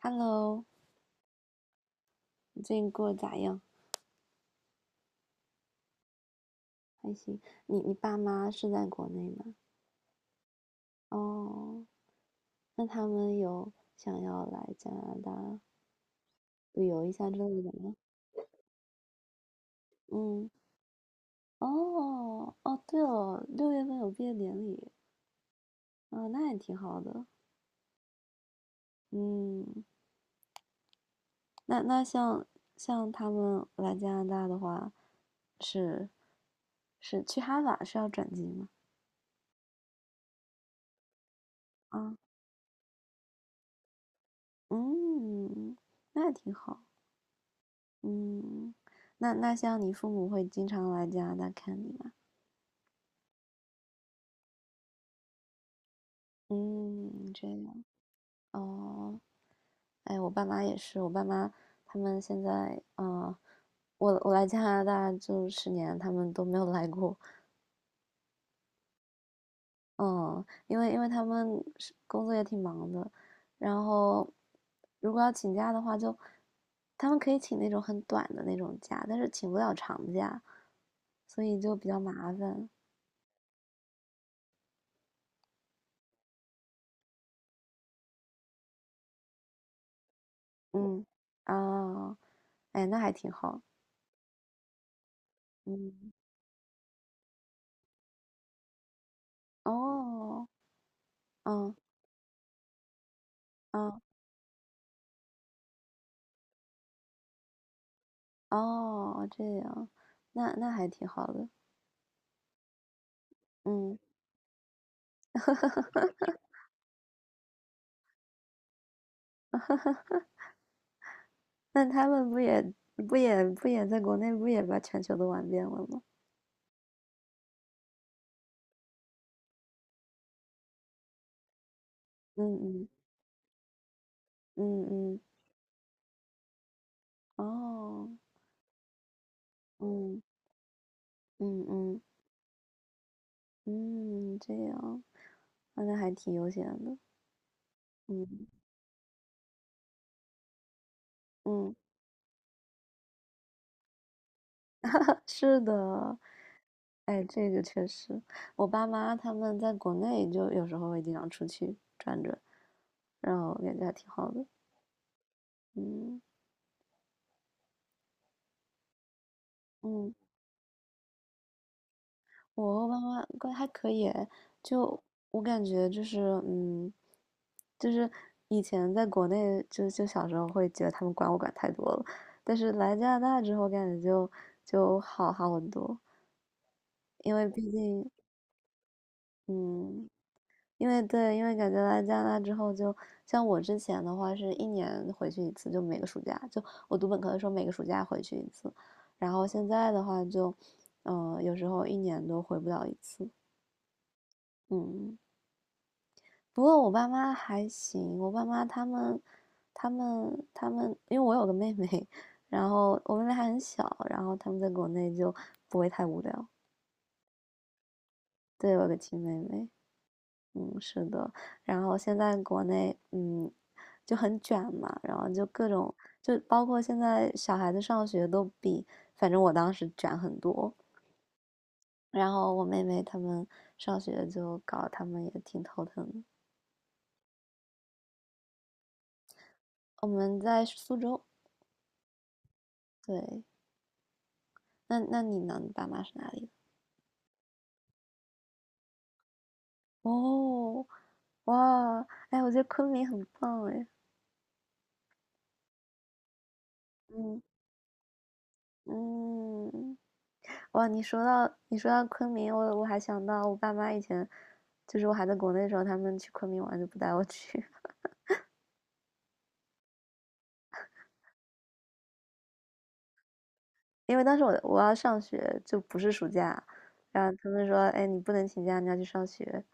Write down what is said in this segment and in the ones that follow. Hello，你最近过得咋样？还行。你爸妈是在国内吗？哦，那他们有想要来加拿大旅游一下之类的吗？嗯，哦哦，对哦，6月份有毕业典礼，啊，那也挺好的。嗯，那像他们来加拿大的话，是是去哈法是要转机吗？啊，嗯，那也挺好。嗯，那像你父母会经常来加拿大看你吗？嗯，这样哦。哎，我爸妈也是，我爸妈他们现在，我来加拿大就10年，他们都没有来过。嗯，因为他们是工作也挺忙的，然后如果要请假的话就，他们可以请那种很短的那种假，但是请不了长假，所以就比较麻烦。嗯，啊，哎，那还挺好。嗯。哦，嗯，嗯，哦，这样，那还挺好的，嗯，那他们不也在国内不也把全球都玩遍了吗？嗯嗯嗯嗯，哦，嗯嗯嗯嗯，这样，那还挺悠闲的，嗯嗯，是的，哎，这个确实，我爸妈他们在国内就有时候会经常出去转转，然后感觉还挺好的，嗯嗯。我和妈妈关系还可以诶。就我感觉就是，嗯，就是以前在国内就小时候会觉得他们管我管太多了，但是来加拿大之后感觉就好好很多，因为毕竟，嗯，因为对，因为感觉来加拿大之后就，像我之前的话是一年回去一次，就每个暑假，就我读本科的时候每个暑假回去一次，然后现在的话就，有时候一年都回不了一次，嗯。不过我爸妈还行，我爸妈他们，因为我有个妹妹，然后我妹妹还很小，然后他们在国内就不会太无聊。对，我有个亲妹妹，嗯，是的。然后现在国内，嗯，就很卷嘛，然后就各种，就包括现在小孩子上学都比，反正我当时卷很多。然后我妹妹他们上学就搞，他们也挺头疼的。我们在苏州，对。那你呢？你爸妈是哪里的？哦，哇，哎，我觉得昆明很棒哎，嗯嗯，哇，你说到昆明，我还想到我爸妈以前，就是我还在国内的时候，他们去昆明玩就不带我去，因为当时我要上学，就不是暑假，然后他们说，哎，你不能请假，你要去上学，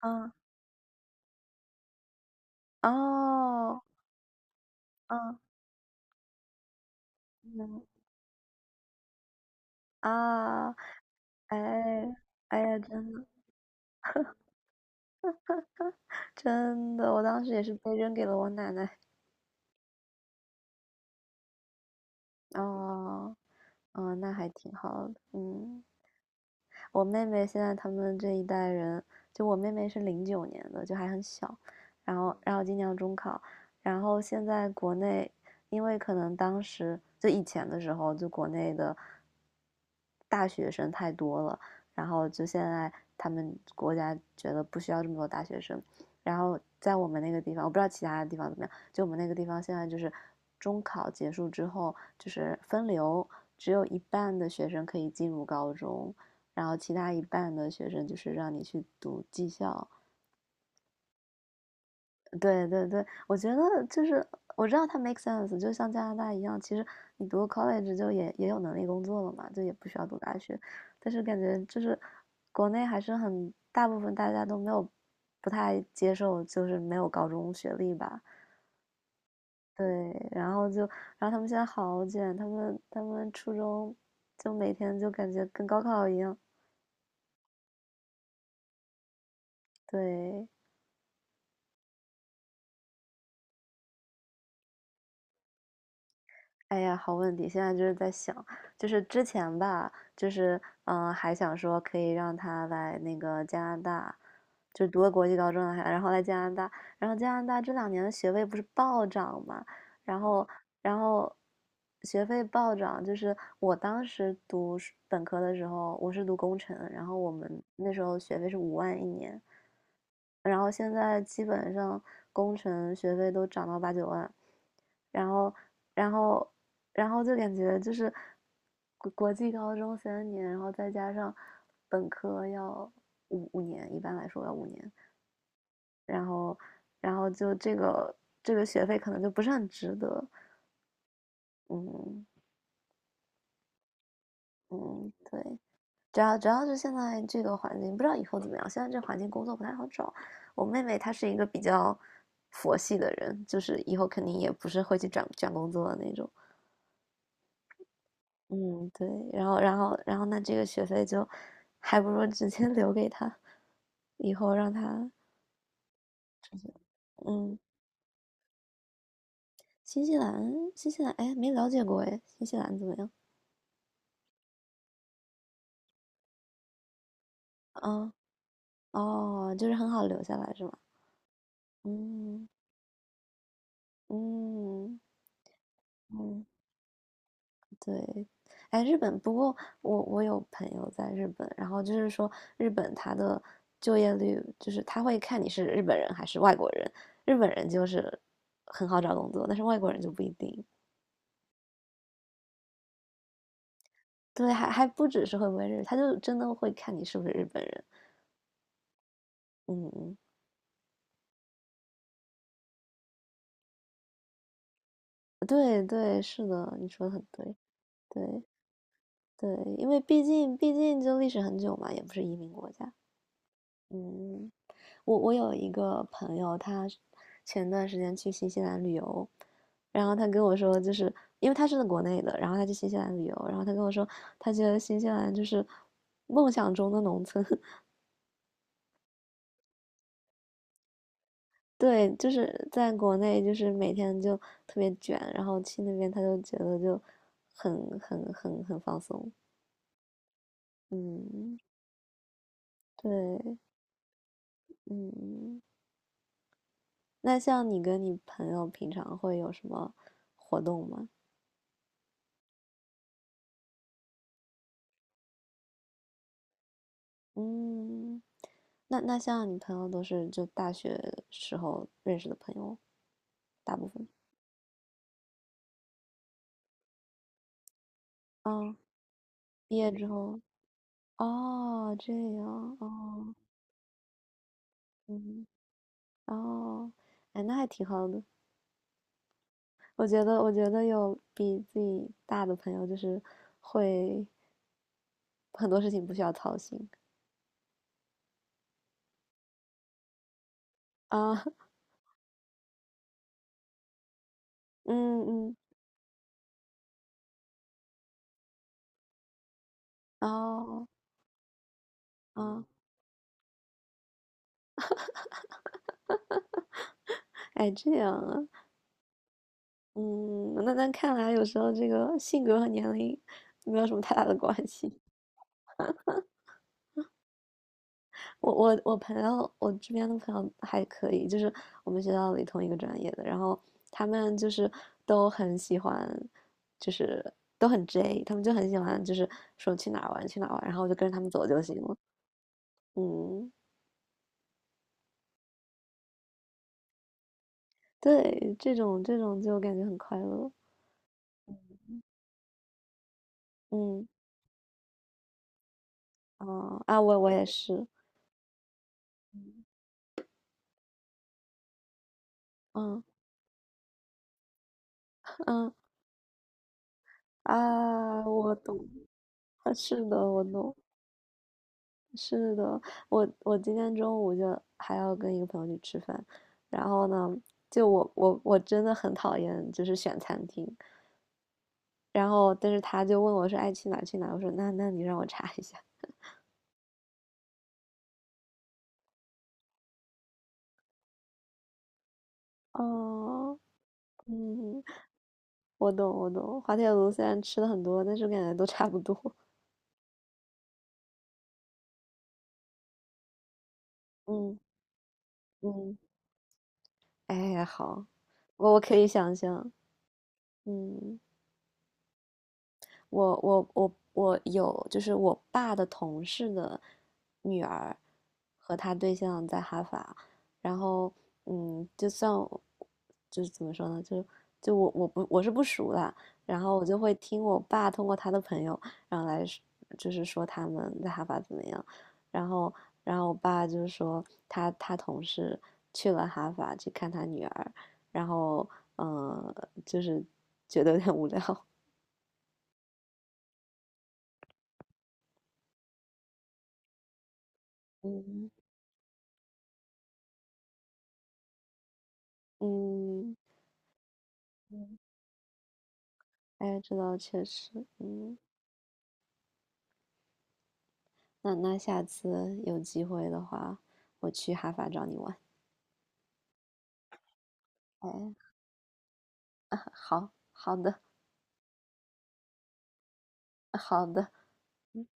啊，哦，嗯嗯啊，哎哎呀，真的真的，我当时也是被扔给了我奶奶。哦，哦，那还挺好的，嗯。我妹妹现在他们这一代人，就我妹妹是09年的，就还很小，然后今年要中考，然后现在国内，因为可能当时就以前的时候，就国内的大学生太多了，然后就现在他们国家觉得不需要这么多大学生，然后在我们那个地方，我不知道其他的地方怎么样，就我们那个地方现在就是中考结束之后就是分流，只有一半的学生可以进入高中。然后其他一半的学生就是让你去读技校。对对对，我觉得就是我知道它 make sense，就像加拿大一样，其实你读 college 就也有能力工作了嘛，就也不需要读大学。但是感觉就是国内还是很大部分大家都没有不太接受，就是没有高中学历吧。对，然后就，然后他们现在好卷，他们初中就每天就感觉跟高考一样。对，哎呀，好问题！现在就是在想，就是之前吧，就是还想说可以让他来那个加拿大，就读个国际高中还然后来加拿大，然后加拿大这2年的学位不是暴涨嘛，然后，然后学费暴涨，就是我当时读是本科的时候，我是读工程，然后我们那时候学费是5万一年，然后现在基本上工程学费都涨到8、9万，然后，然后，然后就感觉就是国际高中3年，然后再加上本科要五年，一般来说要五年，然后，然后就这个学费可能就不是很值得。嗯嗯，对，主要是现在这个环境，不知道以后怎么样。现在这环境工作不太好找。我妹妹她是一个比较佛系的人，就是以后肯定也不是会去转转工作的那种。嗯，对。然后那这个学费就还不如直接 留给她，以后让她嗯，新西兰哎，没了解过哎，新西兰怎么样？啊哦，就是很好留下来是吗？嗯嗯嗯。对，哎，日本，不过我有朋友在日本，然后就是说日本他的就业率，就是他会看你是日本人还是外国人，日本人就是很好找工作，但是外国人就不一定。对，还不只是会不会日语，他就真的会看你是不是日本人。嗯嗯，对对，是的，你说的很对，对对，因为毕竟就历史很久嘛，也不是移民国家。嗯。我有一个朋友，他前段时间去新西兰旅游，然后他跟我说，就是因为他是在国内的，然后他去新西兰旅游，然后他跟我说，他觉得新西兰就是梦想中的农村，对，就是在国内就是每天就特别卷，然后去那边他就觉得就很放松，嗯，对，嗯，那像你跟你朋友平常会有什么活动吗？嗯。那像你朋友都是就大学时候认识的朋友，大部分。嗯，毕业之后，哦，这样，哦，嗯，哦，哎，那还挺好的。我觉得，我觉得有比自己大的朋友，就是会很多事情不需要操心啊，嗯嗯，哦，啊，哎，这样啊，嗯，那看来有时候这个性格和年龄没有什么太大的关系。我这边的朋友还可以，就是我们学校里同一个专业的，然后他们就是都很喜欢，就是都很 J，他们就很喜欢，就是说去哪儿玩去哪儿玩，然后我就跟着他们走就行了。嗯，对，这种就感觉很快乐。嗯，啊啊，我也是，嗯嗯啊，我懂，是的，我懂。是的，我今天中午就还要跟一个朋友去吃饭，然后呢，就我真的很讨厌就是选餐厅，然后但是他就问我说爱去哪儿去哪儿我说那你让我查一下。哦，嗯，我懂我懂，滑铁卢虽然吃的很多，但是我感觉都差不多。嗯嗯，哎，好，我可以想象，嗯。我有，就是我爸的同事的女儿和他对象在哈法，然后嗯，就算我就是怎么说呢，就我是不熟的，然后我就会听我爸通过他的朋友，然后来说就是说他们在哈法怎么样，然后然后我爸就是说他同事去了哈法去看他女儿，然后嗯、就是觉得有点无聊，嗯。嗯，嗯。哎，这倒确实，嗯，那下次有机会的话，我去哈法找你玩。哎，好，好的，好的，嗯。